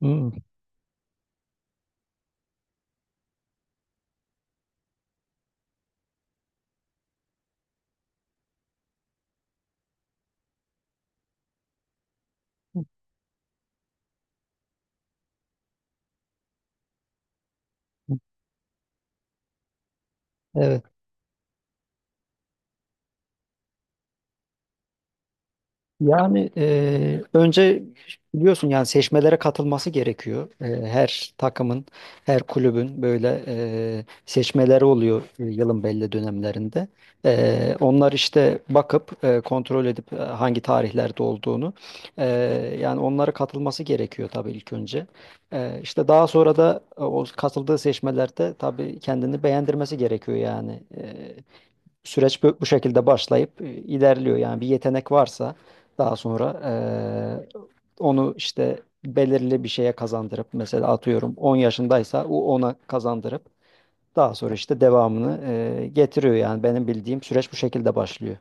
Hmm. Evet. Yani önce biliyorsun yani seçmelere katılması gerekiyor. Her takımın, her kulübün böyle seçmeleri oluyor yılın belli dönemlerinde. Onlar işte bakıp kontrol edip hangi tarihlerde olduğunu e, yani onlara katılması gerekiyor tabii ilk önce. İşte daha sonra da o katıldığı seçmelerde tabii kendini beğendirmesi gerekiyor yani. Süreç bu, bu şekilde başlayıp ilerliyor. Yani bir yetenek varsa daha sonra e, onu işte belirli bir şeye kazandırıp mesela atıyorum 10 yaşındaysa o ona kazandırıp daha sonra işte devamını getiriyor. Yani benim bildiğim süreç bu şekilde başlıyor.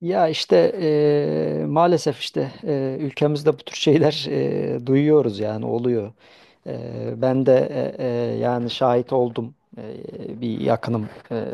Ya işte maalesef işte ülkemizde bu tür şeyler duyuyoruz yani oluyor. Eee, Ben de yani şahit oldum bir yakınım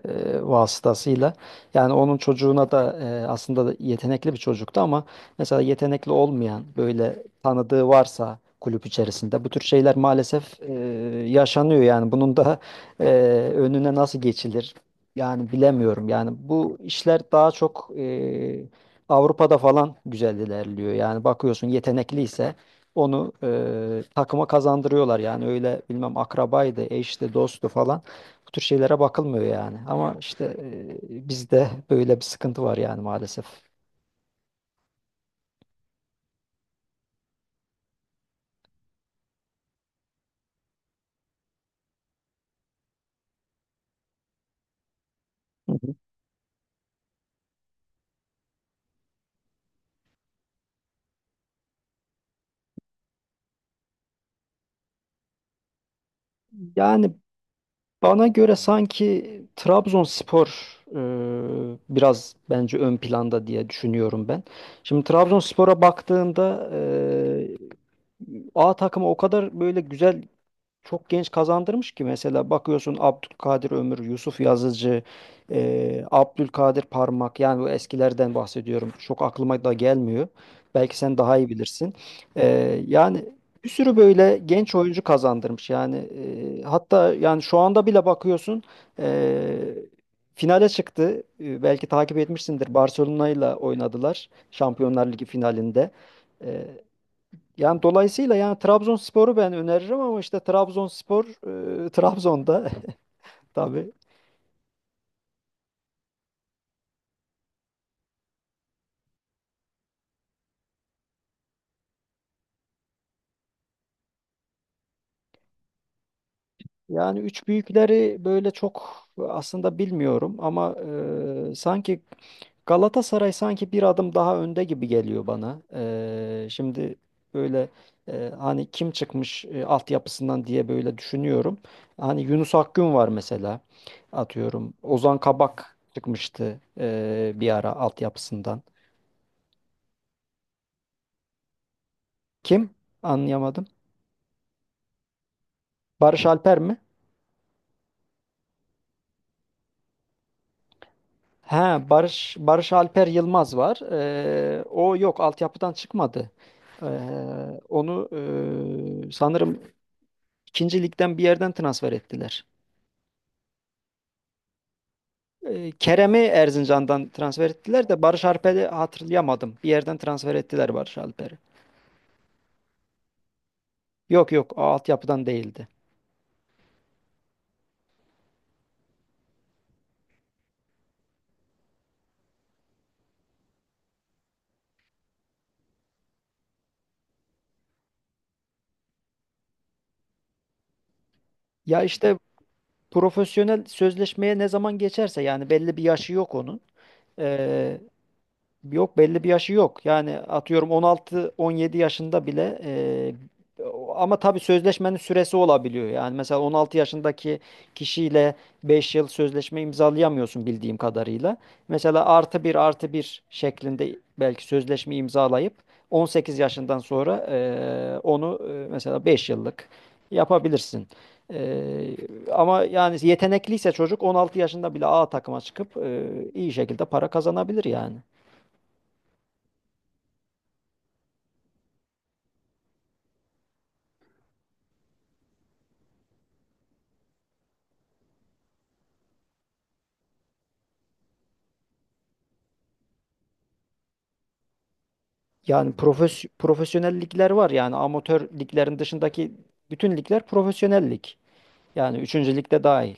vasıtasıyla. Yani onun çocuğuna da aslında da yetenekli bir çocuktu ama mesela yetenekli olmayan böyle tanıdığı varsa kulüp içerisinde bu tür şeyler maalesef yaşanıyor yani bunun da eee, önüne nasıl geçilir? Yani bilemiyorum. Yani bu işler daha çok Avrupa'da falan güzel ilerliyor. Yani bakıyorsun yetenekliyse onu takıma kazandırıyorlar. Yani öyle bilmem akrabaydı, eşti, dosttu falan. Bu tür şeylere bakılmıyor yani. Ama işte bizde böyle bir sıkıntı var yani maalesef. Hı hı. Yani bana göre sanki Trabzonspor biraz bence ön planda diye düşünüyorum ben. Şimdi Trabzonspor'a baktığında A takımı o kadar böyle güzel çok genç kazandırmış ki mesela bakıyorsun Abdülkadir Ömür, Yusuf Yazıcı, Abdülkadir Parmak yani bu eskilerden bahsediyorum. Çok aklıma da gelmiyor. Belki sen daha iyi bilirsin. Yani bir sürü böyle genç oyuncu kazandırmış. Yani hatta yani şu anda bile bakıyorsun eee, finale çıktı. Belki takip etmişsindir. Barcelona ile oynadılar Şampiyonlar Ligi finalinde. E, Yani dolayısıyla yani Trabzonspor'u ben öneririm ama işte Trabzonspor Trabzon'da tabii. Yani üç büyükleri böyle çok aslında bilmiyorum ama sanki Galatasaray sanki bir adım daha önde gibi geliyor bana. Şimdi böyle hani kim çıkmış altyapısından diye böyle düşünüyorum. Hani Yunus Akgün var mesela atıyorum. Ozan Kabak çıkmıştı bir ara altyapısından. Kim? Anlayamadım. Barış Alper mi? Ha, Barış Alper Yılmaz var. O yok, altyapıdan çıkmadı. Ee, Onu sanırım ikinci ligden bir yerden transfer ettiler. Kerem'i Erzincan'dan transfer ettiler de Barış Alper'i hatırlayamadım. Bir yerden transfer ettiler Barış Alper'i. Yok yok, o altyapıdan değildi. Ya işte profesyonel sözleşmeye ne zaman geçerse yani belli bir yaşı yok onun. Ee, Yok belli bir yaşı yok. Yani atıyorum 16-17 yaşında bile ama tabii sözleşmenin süresi olabiliyor. Yani mesela 16 yaşındaki kişiyle 5 yıl sözleşme imzalayamıyorsun bildiğim kadarıyla. Mesela artı bir artı bir şeklinde belki sözleşme imzalayıp 18 yaşından sonra onu mesela 5 yıllık yapabilirsin. E, Ama yani yetenekliyse çocuk 16 yaşında bile A takıma çıkıp iyi şekilde para kazanabilir yani. Yani profesyonel ligler var yani amatör liglerin dışındaki bütün ligler profesyonel lig. Yani üçüncü ligde dahil.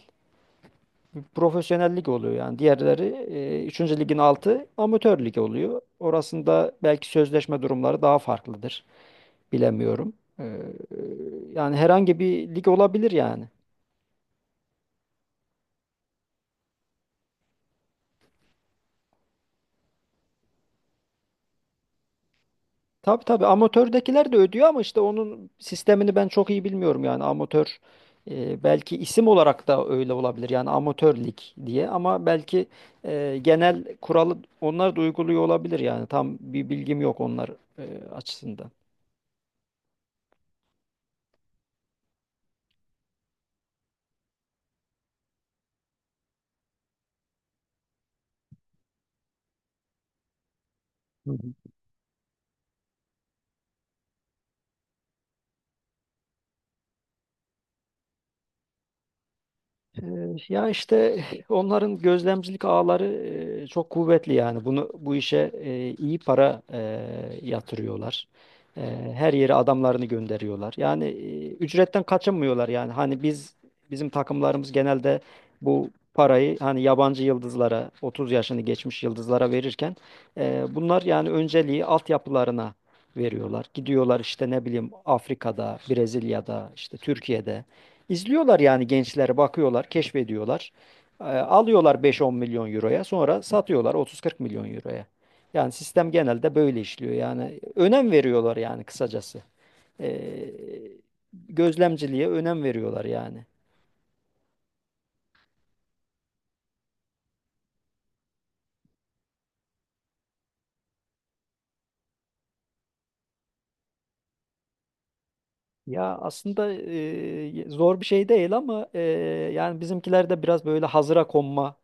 Profesyonel lig oluyor yani. Diğerleri 3. ligin altı amatör lig oluyor. Orasında belki sözleşme durumları daha farklıdır. Bilemiyorum. Ee, Yani herhangi bir lig olabilir yani. Tabii tabii amatördekiler de ödüyor ama işte onun sistemini ben çok iyi bilmiyorum yani amatör belki isim olarak da öyle olabilir yani amatör lig diye ama belki genel kuralı onlar da uyguluyor olabilir yani tam bir bilgim yok onlar e, açısından. Ya işte onların gözlemcilik ağları çok kuvvetli yani bunu bu işe iyi para yatırıyorlar. E, Her yere adamlarını gönderiyorlar. Yani ücretten kaçınmıyorlar yani hani bizim takımlarımız genelde bu parayı hani yabancı yıldızlara 30 yaşını geçmiş yıldızlara verirken bunlar yani önceliği altyapılarına veriyorlar. Gidiyorlar işte ne bileyim Afrika'da, Brezilya'da, işte Türkiye'de İzliyorlar yani gençler bakıyorlar, keşfediyorlar. Alıyorlar 5-10 milyon euroya, sonra satıyorlar 30-40 milyon euroya. Yani sistem genelde böyle işliyor. Yani önem veriyorlar yani kısacası. Ee, Gözlemciliğe önem veriyorlar yani. Ya aslında zor bir şey değil ama yani bizimkilerde biraz böyle hazıra konma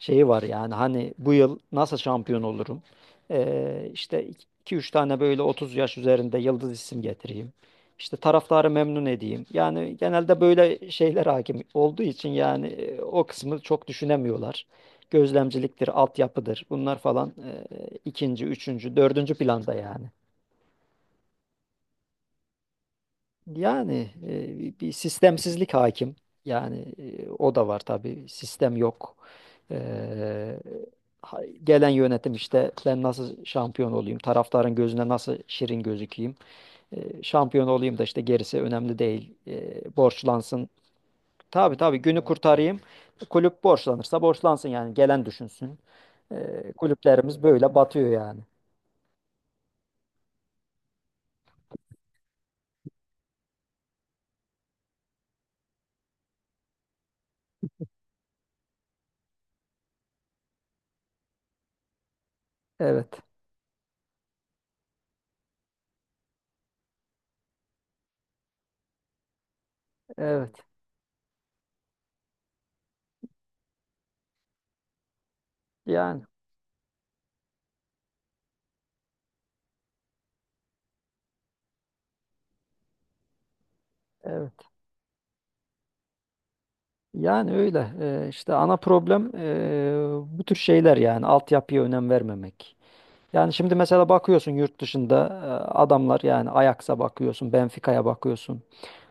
şeyi var yani hani bu yıl nasıl şampiyon olurum? İşte iki üç tane böyle 30 yaş üzerinde yıldız isim getireyim. İşte taraftarı memnun edeyim. Yani genelde böyle şeyler hakim olduğu için yani o kısmı çok düşünemiyorlar. Gözlemciliktir, altyapıdır bunlar falan ikinci, üçüncü, dördüncü planda yani. Yani bir sistemsizlik hakim. Yani o da var tabii. Sistem yok. Eee, gelen yönetim işte ben nasıl şampiyon olayım, taraftarın gözüne nasıl şirin gözükeyim, şampiyon olayım da işte gerisi önemli değil, borçlansın. Tabii tabii günü kurtarayım. Kulüp borçlanırsa borçlansın yani gelen düşünsün. Kulüplerimiz böyle batıyor yani. Evet, evet. Yani evet. Yani öyle. İşte ana problem bu tür şeyler yani altyapıya önem vermemek. Yani şimdi mesela bakıyorsun yurt dışında e, adamlar yani Ajax'a bakıyorsun, Benfica'ya bakıyorsun.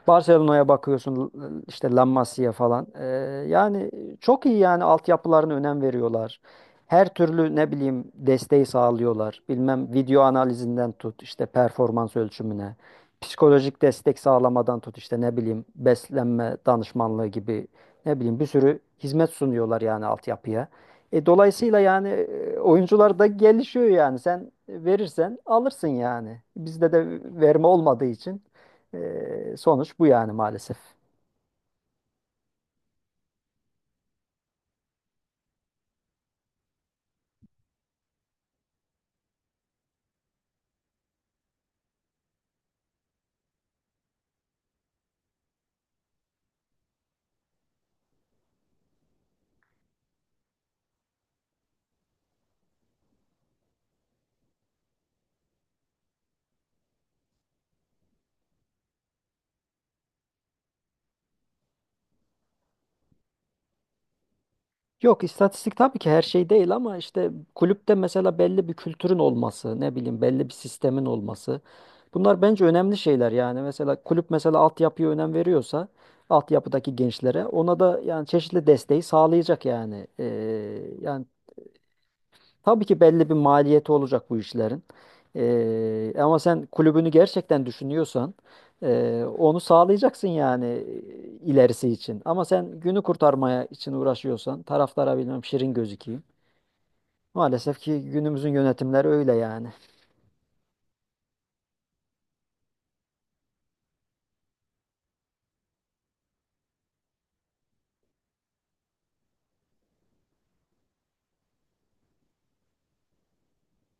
Barcelona'ya bakıyorsun işte La Masia falan. Yani çok iyi yani altyapılarına önem veriyorlar. Her türlü ne bileyim desteği sağlıyorlar. Bilmem video analizinden tut işte performans ölçümüne. Psikolojik destek sağlamadan tut işte ne bileyim beslenme danışmanlığı gibi ne bileyim bir sürü hizmet sunuyorlar yani altyapıya. Dolayısıyla yani oyuncular da gelişiyor yani sen verirsen alırsın yani. Bizde de verme olmadığı için. Sonuç bu yani maalesef. Yok istatistik tabii ki her şey değil ama işte kulüpte mesela belli bir kültürün olması, ne bileyim belli bir sistemin olması. Bunlar bence önemli şeyler yani. Mesela kulüp mesela altyapıya önem veriyorsa altyapıdaki gençlere ona da yani çeşitli desteği sağlayacak yani. Yani tabii ki belli bir maliyeti olacak bu işlerin. Ama sen kulübünü gerçekten düşünüyorsan onu sağlayacaksın yani ilerisi için. Ama sen günü kurtarmaya için uğraşıyorsan taraftara bilmem şirin gözükeyim. Maalesef ki günümüzün yönetimleri öyle yani.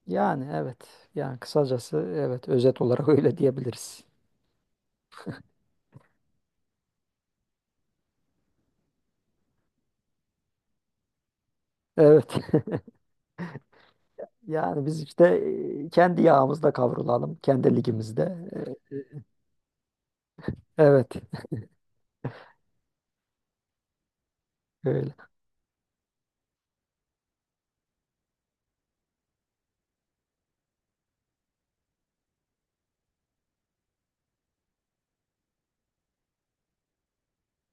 Yani evet. Yani kısacası evet özet olarak öyle diyebiliriz. Evet. Yani biz işte kendi yağımızda kavrulalım, kendi ligimizde. E, Evet. Öyle.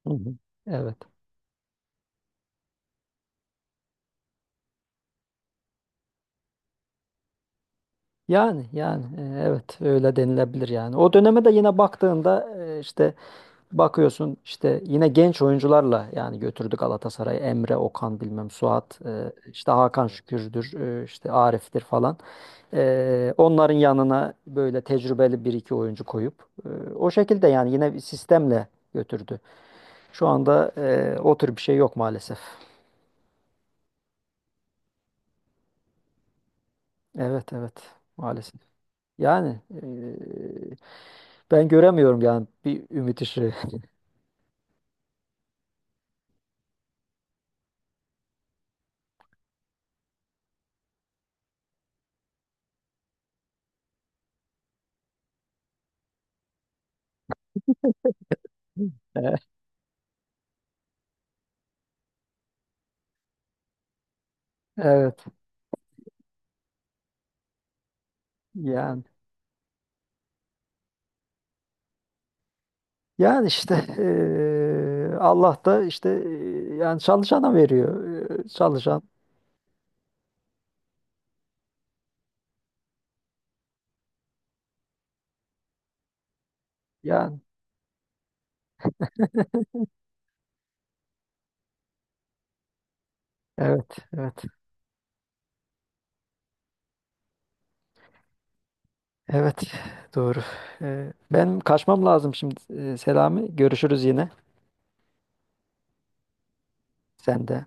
Hı hı. Evet. Yani evet öyle denilebilir yani. O döneme de yine baktığında işte bakıyorsun işte yine genç oyuncularla yani götürdü Galatasaray'ı. Emre, Okan bilmem Suat işte Hakan. Evet. Şükür'dür işte Arif'tir falan. Onların yanına böyle tecrübeli bir iki oyuncu koyup o şekilde yani yine bir sistemle götürdü. Şu anda o tür bir şey yok maalesef. Evet evet maalesef. Yani ben göremiyorum yani bir ümit ışığı. E, Evet yani yani işte Allah da işte yani çalışana veriyor. Çalışan yani evet evet evet doğru. Ben kaçmam lazım şimdi. Selami görüşürüz yine sen de.